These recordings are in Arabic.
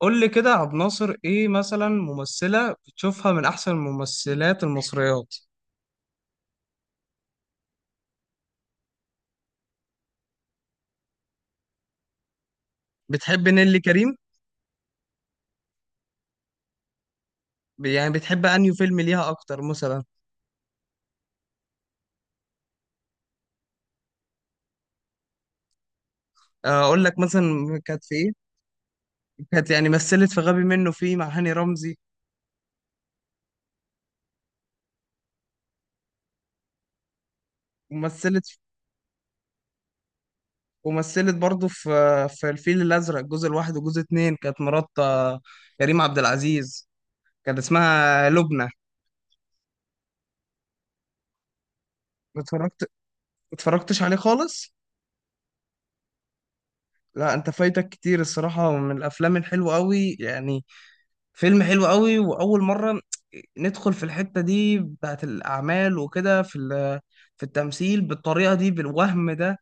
قول لي كده يا عبد الناصر، ايه مثلا ممثلة بتشوفها من احسن الممثلات المصريات؟ بتحب نيللي كريم؟ يعني بتحب انهي فيلم ليها اكتر مثلا؟ اقول لك مثلا كانت في ايه؟ كانت يعني مثلت في غبي منه فيه مع هاني رمزي. ومثلت ومثلت برضه في الفيل الازرق، الجزء الواحد والجزء اتنين، كانت مرات كريم عبد العزيز، كانت اسمها لبنى. اتفرجت اتفرجتش عليه خالص؟ لا انت فايتك كتير الصراحة من الافلام الحلوة قوي يعني، فيلم حلو قوي، واول مره ندخل في الحته دي بتاعت الاعمال وكده في في التمثيل بالطريقه دي بالوهم ده.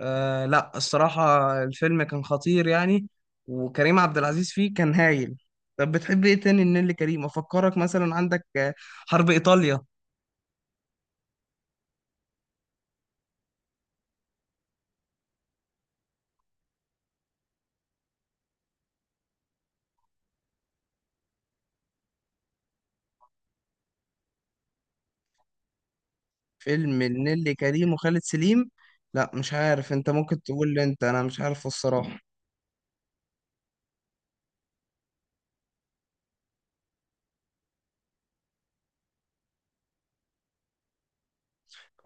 لا الصراحه الفيلم كان خطير يعني، وكريم عبد العزيز فيه كان هايل. طب بتحب ايه تاني لنيللي كريم؟ افكرك مثلا، عندك حرب ايطاليا، فيلم لنيللي كريم وخالد سليم. لا مش عارف، انت ممكن تقول لي، انت انا مش عارفه الصراحه.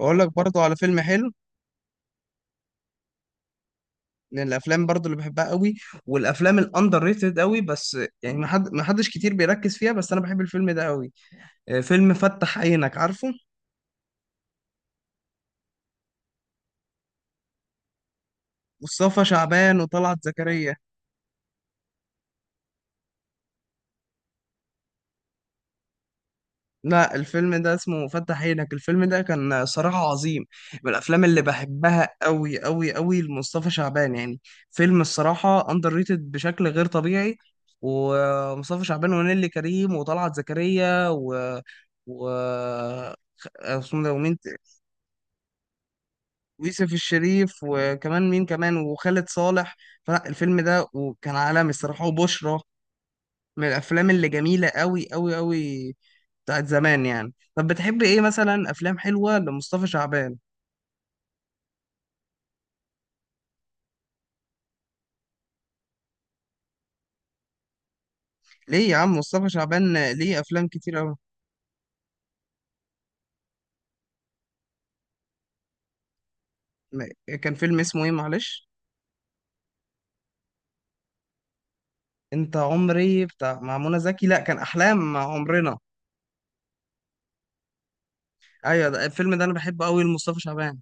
اقول لك برضو على فيلم حلو، من الافلام برضو اللي بحبها قوي، والافلام الاندر ريتد قوي، بس يعني ما حدش كتير بيركز فيها، بس انا بحب الفيلم ده قوي. فيلم فتح عينك، عارفه؟ مصطفى شعبان وطلعت زكريا. لا الفيلم ده اسمه فتح عينك، الفيلم ده كان صراحة عظيم، من الافلام اللي بحبها قوي قوي قوي لمصطفى شعبان يعني. فيلم الصراحة اندر ريتد بشكل غير طبيعي، ومصطفى شعبان ونيلي كريم وطلعت زكريا و اسمه ده ومين؟ ويوسف الشريف، وكمان مين كمان؟ وخالد صالح. فلا الفيلم ده وكان عالمي الصراحة، وبشرى، من الأفلام اللي جميلة أوي أوي أوي، بتاعت زمان يعني. طب بتحب إيه مثلا أفلام حلوة لمصطفى شعبان؟ ليه يا عم مصطفى شعبان ليه أفلام كتير أوي. كان فيلم اسمه إيه معلش؟ أنت عمري بتاع مع منى زكي؟ لا كان أحلام مع عمرنا. أيوة ده الفيلم ده أنا بحبه أوي لمصطفى شعبان.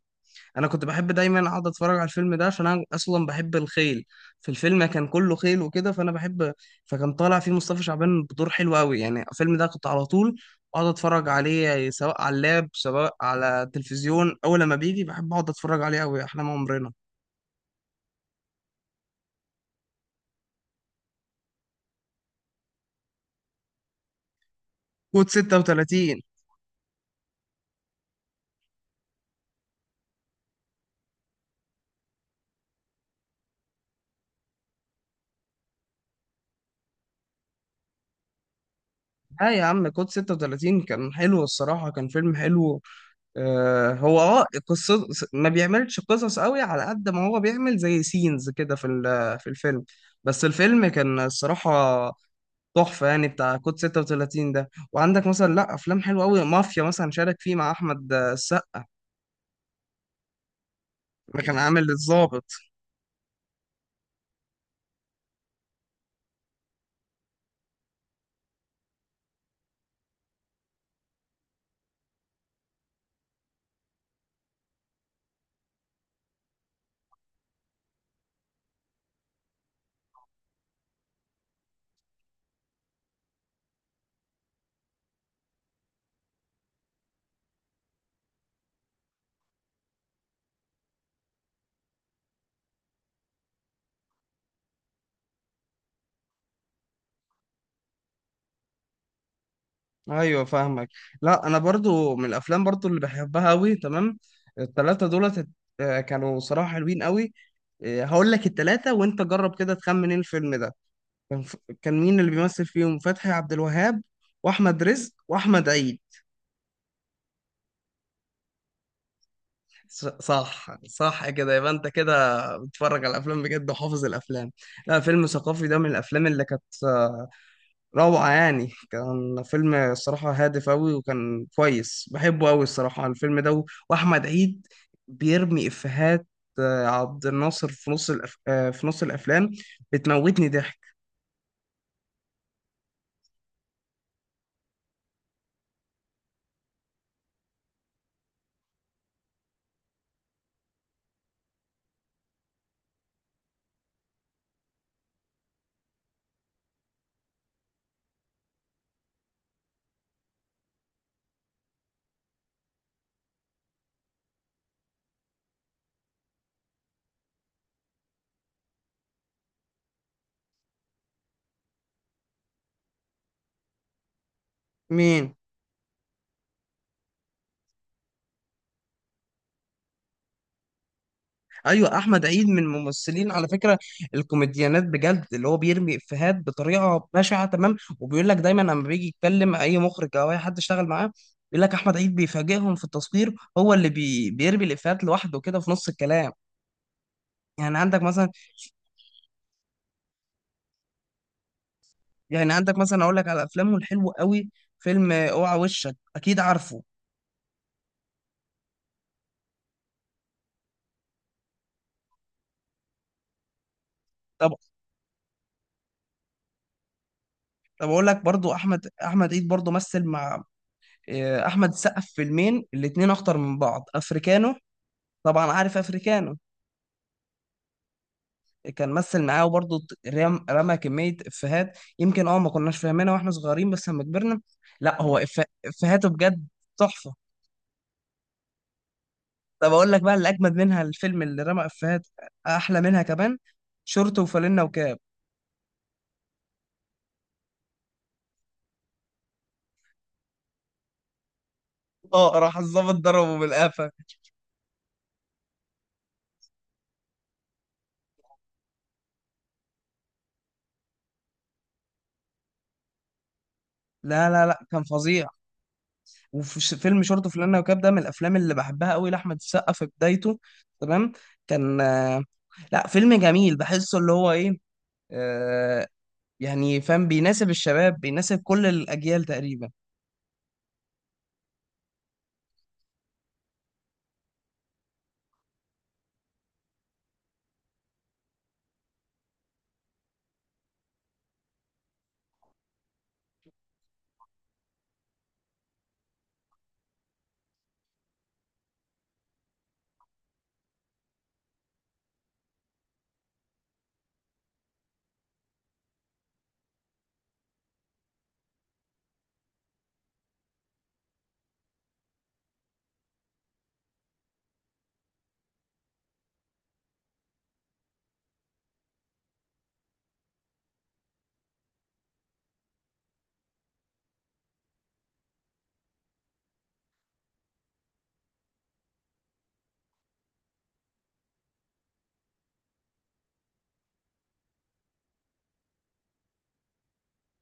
انا كنت بحب دايما اقعد اتفرج على الفيلم ده عشان انا اصلا بحب الخيل، في الفيلم كان كله خيل وكده فانا بحب. فكان طالع فيه مصطفى شعبان بدور حلو قوي يعني، الفيلم ده كنت على طول اقعد اتفرج عليه سواء على اللاب سواء على التلفزيون، اول لما بيجي بحب اقعد اتفرج عليه قوي، احلام عمرنا. كود 36. لا يا عم كود 36 كان حلو الصراحة، كان فيلم حلو. هو قصة ما بيعملش قصص قوي على قد ما هو بيعمل زي سينز كده في في الفيلم، بس الفيلم كان الصراحة تحفة يعني، بتاع كود 36 ده. وعندك مثلا، لا، أفلام حلوة قوي، مافيا مثلا شارك فيه مع أحمد السقا، ما كان عامل الضابط. أيوة فاهمك. لا أنا برضو من الأفلام برضو اللي بحبها قوي تمام، التلاتة دولت كانوا صراحة حلوين قوي. هقول لك التلاتة وأنت جرب كده تخمن إيه الفيلم ده. كان ف... كان مين اللي بيمثل فيهم؟ فتحي عبد الوهاب واحمد رزق واحمد عيد. صح صح، كده يبقى انت كده بتتفرج على الافلام بجد وحافظ الافلام. لا فيلم ثقافي ده من الافلام اللي كانت روعه يعني، كان فيلم الصراحه هادف قوي وكان كويس بحبه قوي الصراحه، الفيلم ده واحمد عيد بيرمي افيهات عبد الناصر في نص الافلام، بتموتني ضحك. مين؟ ايوه احمد عيد من الممثلين على فكره الكوميديانات بجد، اللي هو بيرمي افيهات بطريقه بشعه تمام، وبيقول لك دايما لما بيجي يتكلم اي مخرج او اي حد اشتغل معاه بيقول لك احمد عيد بيفاجئهم في التصوير، هو اللي بيرمي الافيهات لوحده كده في نص الكلام. يعني عندك مثلا يعني عندك مثلا اقول لك على افلامه الحلوه قوي، فيلم اوعى وشك اكيد عارفه. طب طب اقول لك برضو احمد عيد برضو مثل مع احمد السقا في فيلمين الاتنين اخطر من بعض، افريكانو، طبعا عارف افريكانو. كان مثل معاه وبرضه رمى كمية إفيهات، يمكن ما كناش فاهمينها واحنا صغيرين بس لما كبرنا. لا هو إفيهاته بجد تحفة. طب أقول لك بقى اللي أجمد منها، الفيلم اللي رمى إفيهات أحلى منها كمان، شورت وفانلة وكاب. اه، راح الظابط ضربه بالقفا. لا لا لا كان فظيع. وفي فيلم شورت وفانلة وكاب ده من الأفلام اللي بحبها قوي لأحمد السقا في بدايته تمام، كان لا فيلم جميل بحسه اللي هو إيه، آه، يعني فاهم، بيناسب الشباب بيناسب كل الأجيال تقريبا.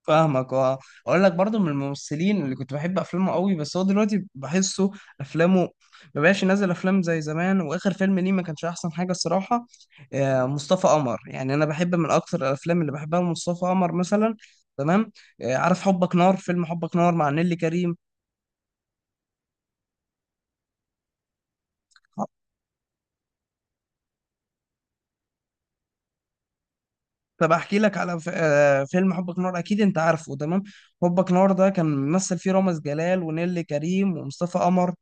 فاهمك اه. اقول لك برضو من الممثلين اللي كنت بحب افلامه قوي، بس هو دلوقتي بحسه افلامه ما بقاش ينزل افلام زي زمان، واخر فيلم ليه ما كانش احسن حاجه الصراحه. مصطفى قمر يعني، انا بحب من اكتر الافلام اللي بحبها مصطفى قمر مثلا تمام. عارف حبك نار؟ فيلم حبك نار مع نيلي كريم. طب احكي لك على فيلم حبك نور، اكيد انت عارفه تمام. حبك نور ده كان ممثل فيه رامز جلال ونيلي كريم ومصطفى قمر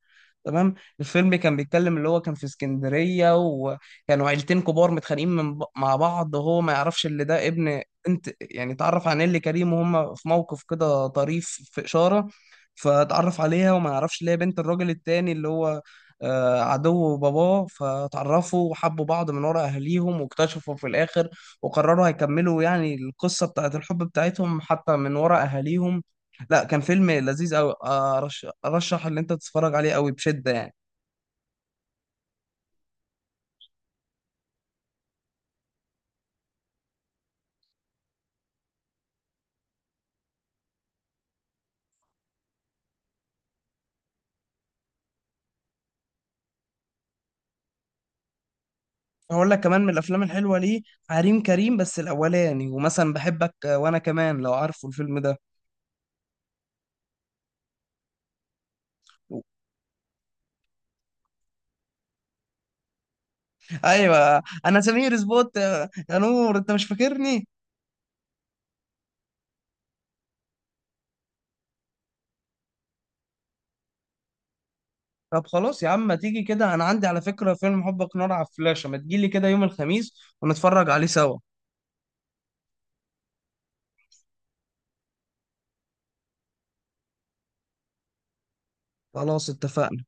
تمام. الفيلم كان بيتكلم اللي هو كان في اسكندرية، وكانوا عيلتين كبار متخانقين مع بعض، وهو ما يعرفش اللي ده ابن انت يعني. اتعرف على نيلي كريم وهم في موقف كده طريف في إشارة، فتعرف عليها وما يعرفش اللي هي بنت الراجل التاني اللي هو عدو باباه، فتعرفوا وحبوا بعض من ورا اهاليهم، واكتشفوا في الاخر وقرروا هيكملوا يعني القصة بتاعت الحب بتاعتهم حتى من ورا أهاليهم. لا كان فيلم لذيذ أوي، أرشح إن أنت تتفرج عليه أوي بشدة يعني. هقول لك كمان من الأفلام الحلوة ليه، عريم كريم بس الأولاني، ومثلا بحبك وأنا كمان لو عارفه الفيلم ده. أيوة أنا سمير سبوت يا نور، أنت مش فاكرني؟ طب خلاص يا عم ما تيجي كده، أنا عندي على فكرة فيلم حبك نار على فلاشة، ما تجيلي كده يوم الخميس ونتفرج عليه سوا. خلاص اتفقنا.